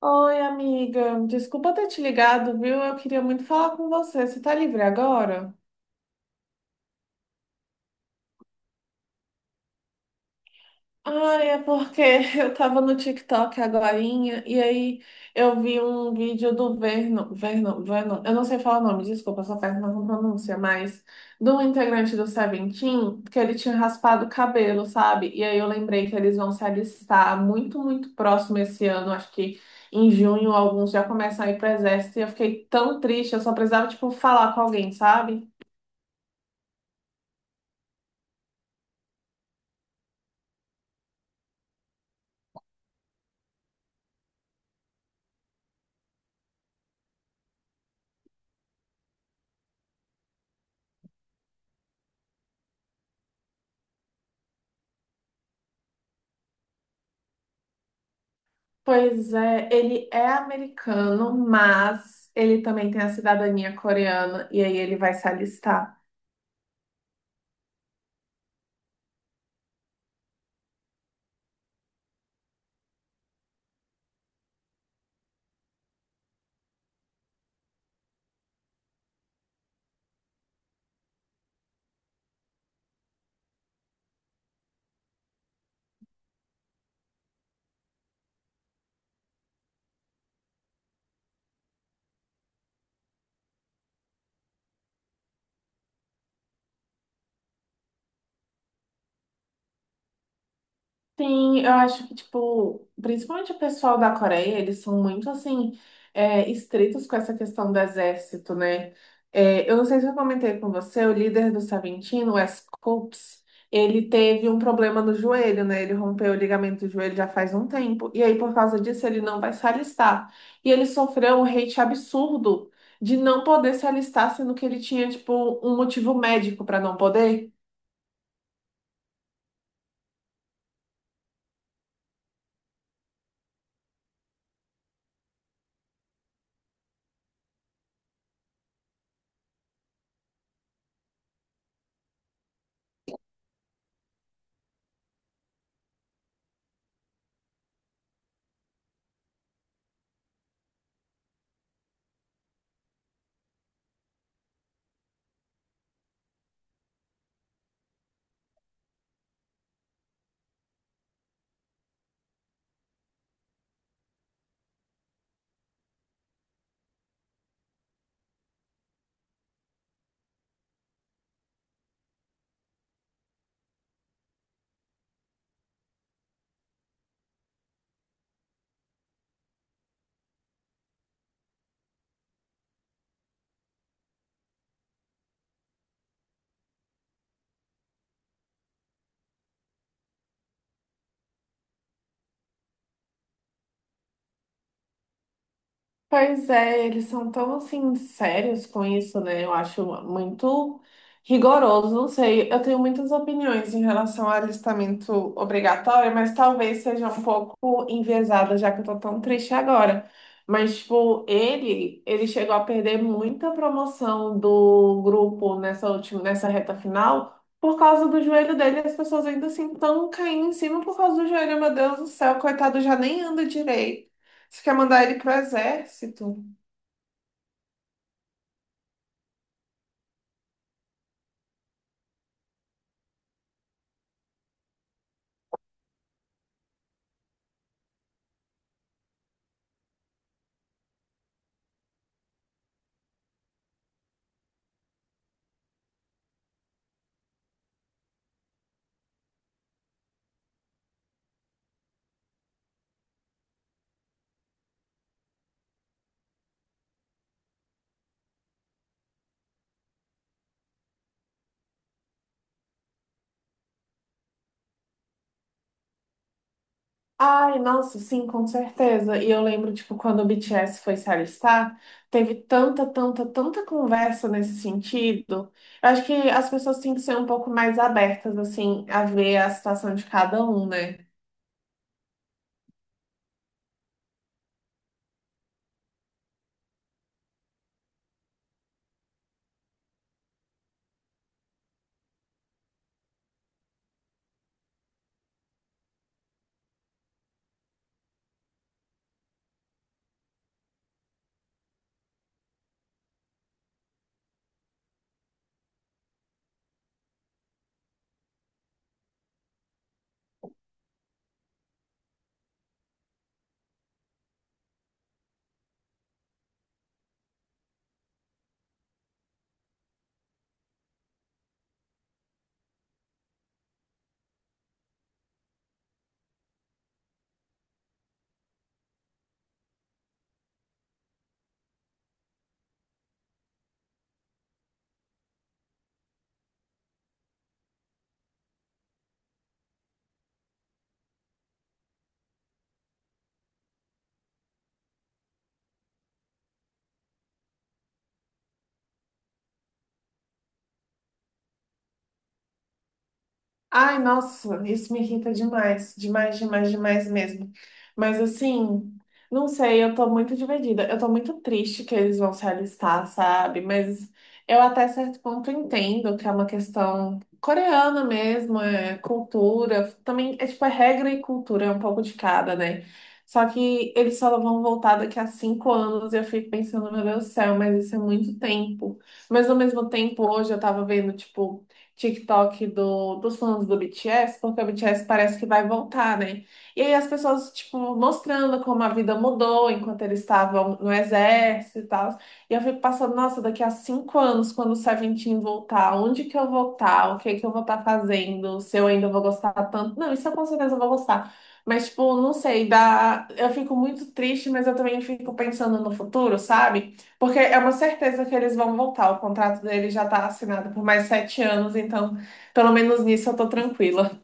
Oi, amiga. Desculpa ter te ligado, viu? Eu queria muito falar com você. Você tá livre agora? Ai, é porque eu tava no TikTok agorinha e aí eu vi um vídeo do Verno, eu não sei falar o nome, desculpa, eu sou péssima com pronúncia, mas do integrante do Seventeen, que ele tinha raspado o cabelo, sabe? E aí eu lembrei que eles vão se alistar muito próximo esse ano, acho que em junho alguns já começam a ir pro exército e eu fiquei tão triste, eu só precisava, tipo, falar com alguém, sabe? Pois é, ele é americano, mas ele também tem a cidadania coreana e aí ele vai se alistar. Sim, eu acho que, tipo, principalmente o pessoal da Coreia, eles são muito, assim, estritos com essa questão do exército, né? Eu não sei se eu comentei com você, o líder do Savintino, o S-Corps, ele teve um problema no joelho, né? Ele rompeu o ligamento do joelho já faz um tempo, e aí, por causa disso, ele não vai se alistar. E ele sofreu um hate absurdo de não poder se alistar, sendo que ele tinha, tipo, um motivo médico para não poder. Pois é, eles são tão assim sérios com isso, né? Eu acho muito rigoroso, não sei. Eu tenho muitas opiniões em relação ao alistamento obrigatório, mas talvez seja um pouco enviesada, já que eu tô tão triste agora. Mas, tipo, ele chegou a perder muita promoção do grupo nessa reta final. Por causa do joelho dele, as pessoas ainda assim estão caindo em cima por causa do joelho. Meu Deus do céu, coitado, já nem anda direito. Você quer mandar ele pro exército? Ai, nossa, sim, com certeza. E eu lembro, tipo, quando o BTS foi se alistar, teve tanta conversa nesse sentido. Eu acho que as pessoas têm que ser um pouco mais abertas, assim, a ver a situação de cada um, né? Ai, nossa, isso me irrita demais mesmo. Mas assim, não sei, eu tô muito dividida. Eu tô muito triste que eles vão se alistar, sabe? Mas eu até certo ponto entendo que é uma questão coreana mesmo, é cultura, também é tipo, é regra e cultura, é um pouco de cada, né? Só que eles só vão voltar daqui a 5 anos e eu fico pensando, meu Deus do céu, mas isso é muito tempo. Mas ao mesmo tempo, hoje eu tava vendo, tipo, TikTok dos fãs do BTS, porque o BTS parece que vai voltar, né? E aí as pessoas, tipo, mostrando como a vida mudou enquanto eles estavam no exército e tal. E eu fico passando, nossa, daqui a 5 anos, quando o Seventeen voltar, onde que eu vou estar? O que que eu vou estar fazendo? Se eu ainda vou gostar tanto? Não, isso eu com certeza vou gostar. Mas, tipo, não sei, dá, eu fico muito triste, mas eu também fico pensando no futuro, sabe? Porque é uma certeza que eles vão voltar. O contrato dele já tá assinado por mais 7 anos, então pelo menos nisso eu tô tranquila.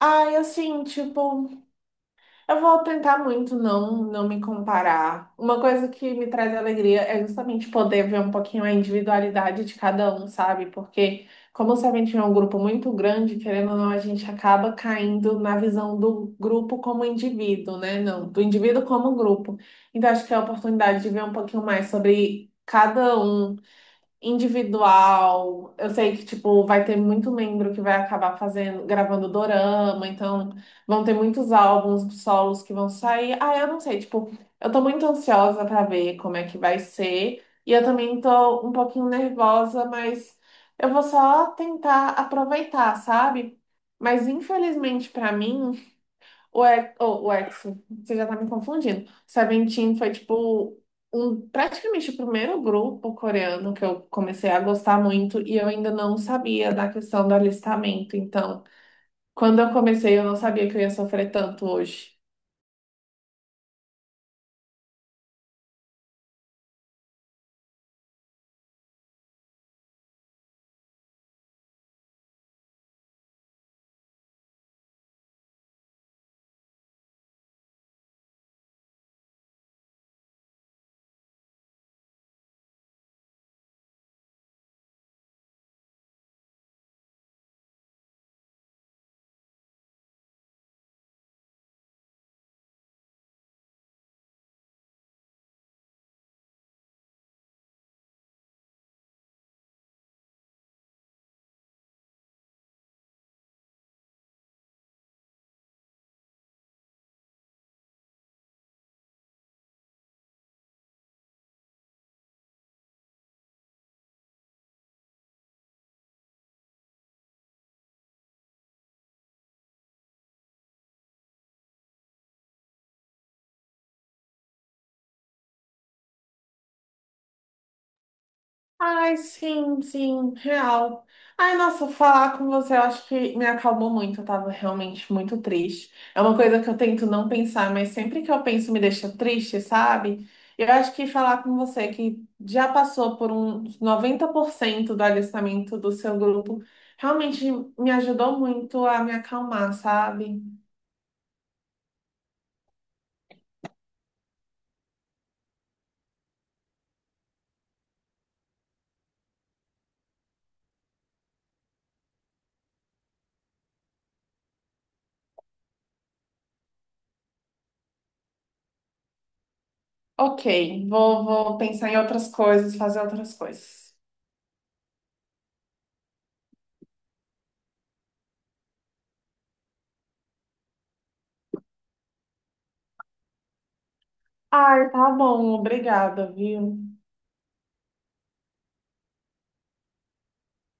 Ai, assim, tipo, eu vou tentar muito não me comparar. Uma coisa que me traz alegria é justamente poder ver um pouquinho a individualidade de cada um, sabe? Porque como se a gente é um grupo muito grande, querendo ou não, a gente acaba caindo na visão do grupo como indivíduo, né? Não, do indivíduo como grupo. Então acho que é a oportunidade de ver um pouquinho mais sobre cada um individual. Eu sei que, tipo, vai ter muito membro que vai acabar fazendo, gravando dorama, então vão ter muitos álbuns solos que vão sair. Ah, eu não sei, tipo, eu tô muito ansiosa pra ver como é que vai ser. E eu também tô um pouquinho nervosa, mas eu vou só tentar aproveitar, sabe? Mas infelizmente pra mim o EXO, você já tá me confundindo. Seventeen foi, tipo, um, praticamente o primeiro grupo coreano que eu comecei a gostar muito e eu ainda não sabia da questão do alistamento. Então, quando eu comecei, eu não sabia que eu ia sofrer tanto hoje. Ai, sim, real. Ai, nossa, falar com você, eu acho que me acalmou muito. Eu tava realmente muito triste. É uma coisa que eu tento não pensar, mas sempre que eu penso me deixa triste, sabe? Eu acho que falar com você que já passou por uns 90% do alistamento do seu grupo, realmente me ajudou muito a me acalmar, sabe? Ok, vou pensar em outras coisas, fazer outras coisas. Ai, tá bom, obrigada, viu?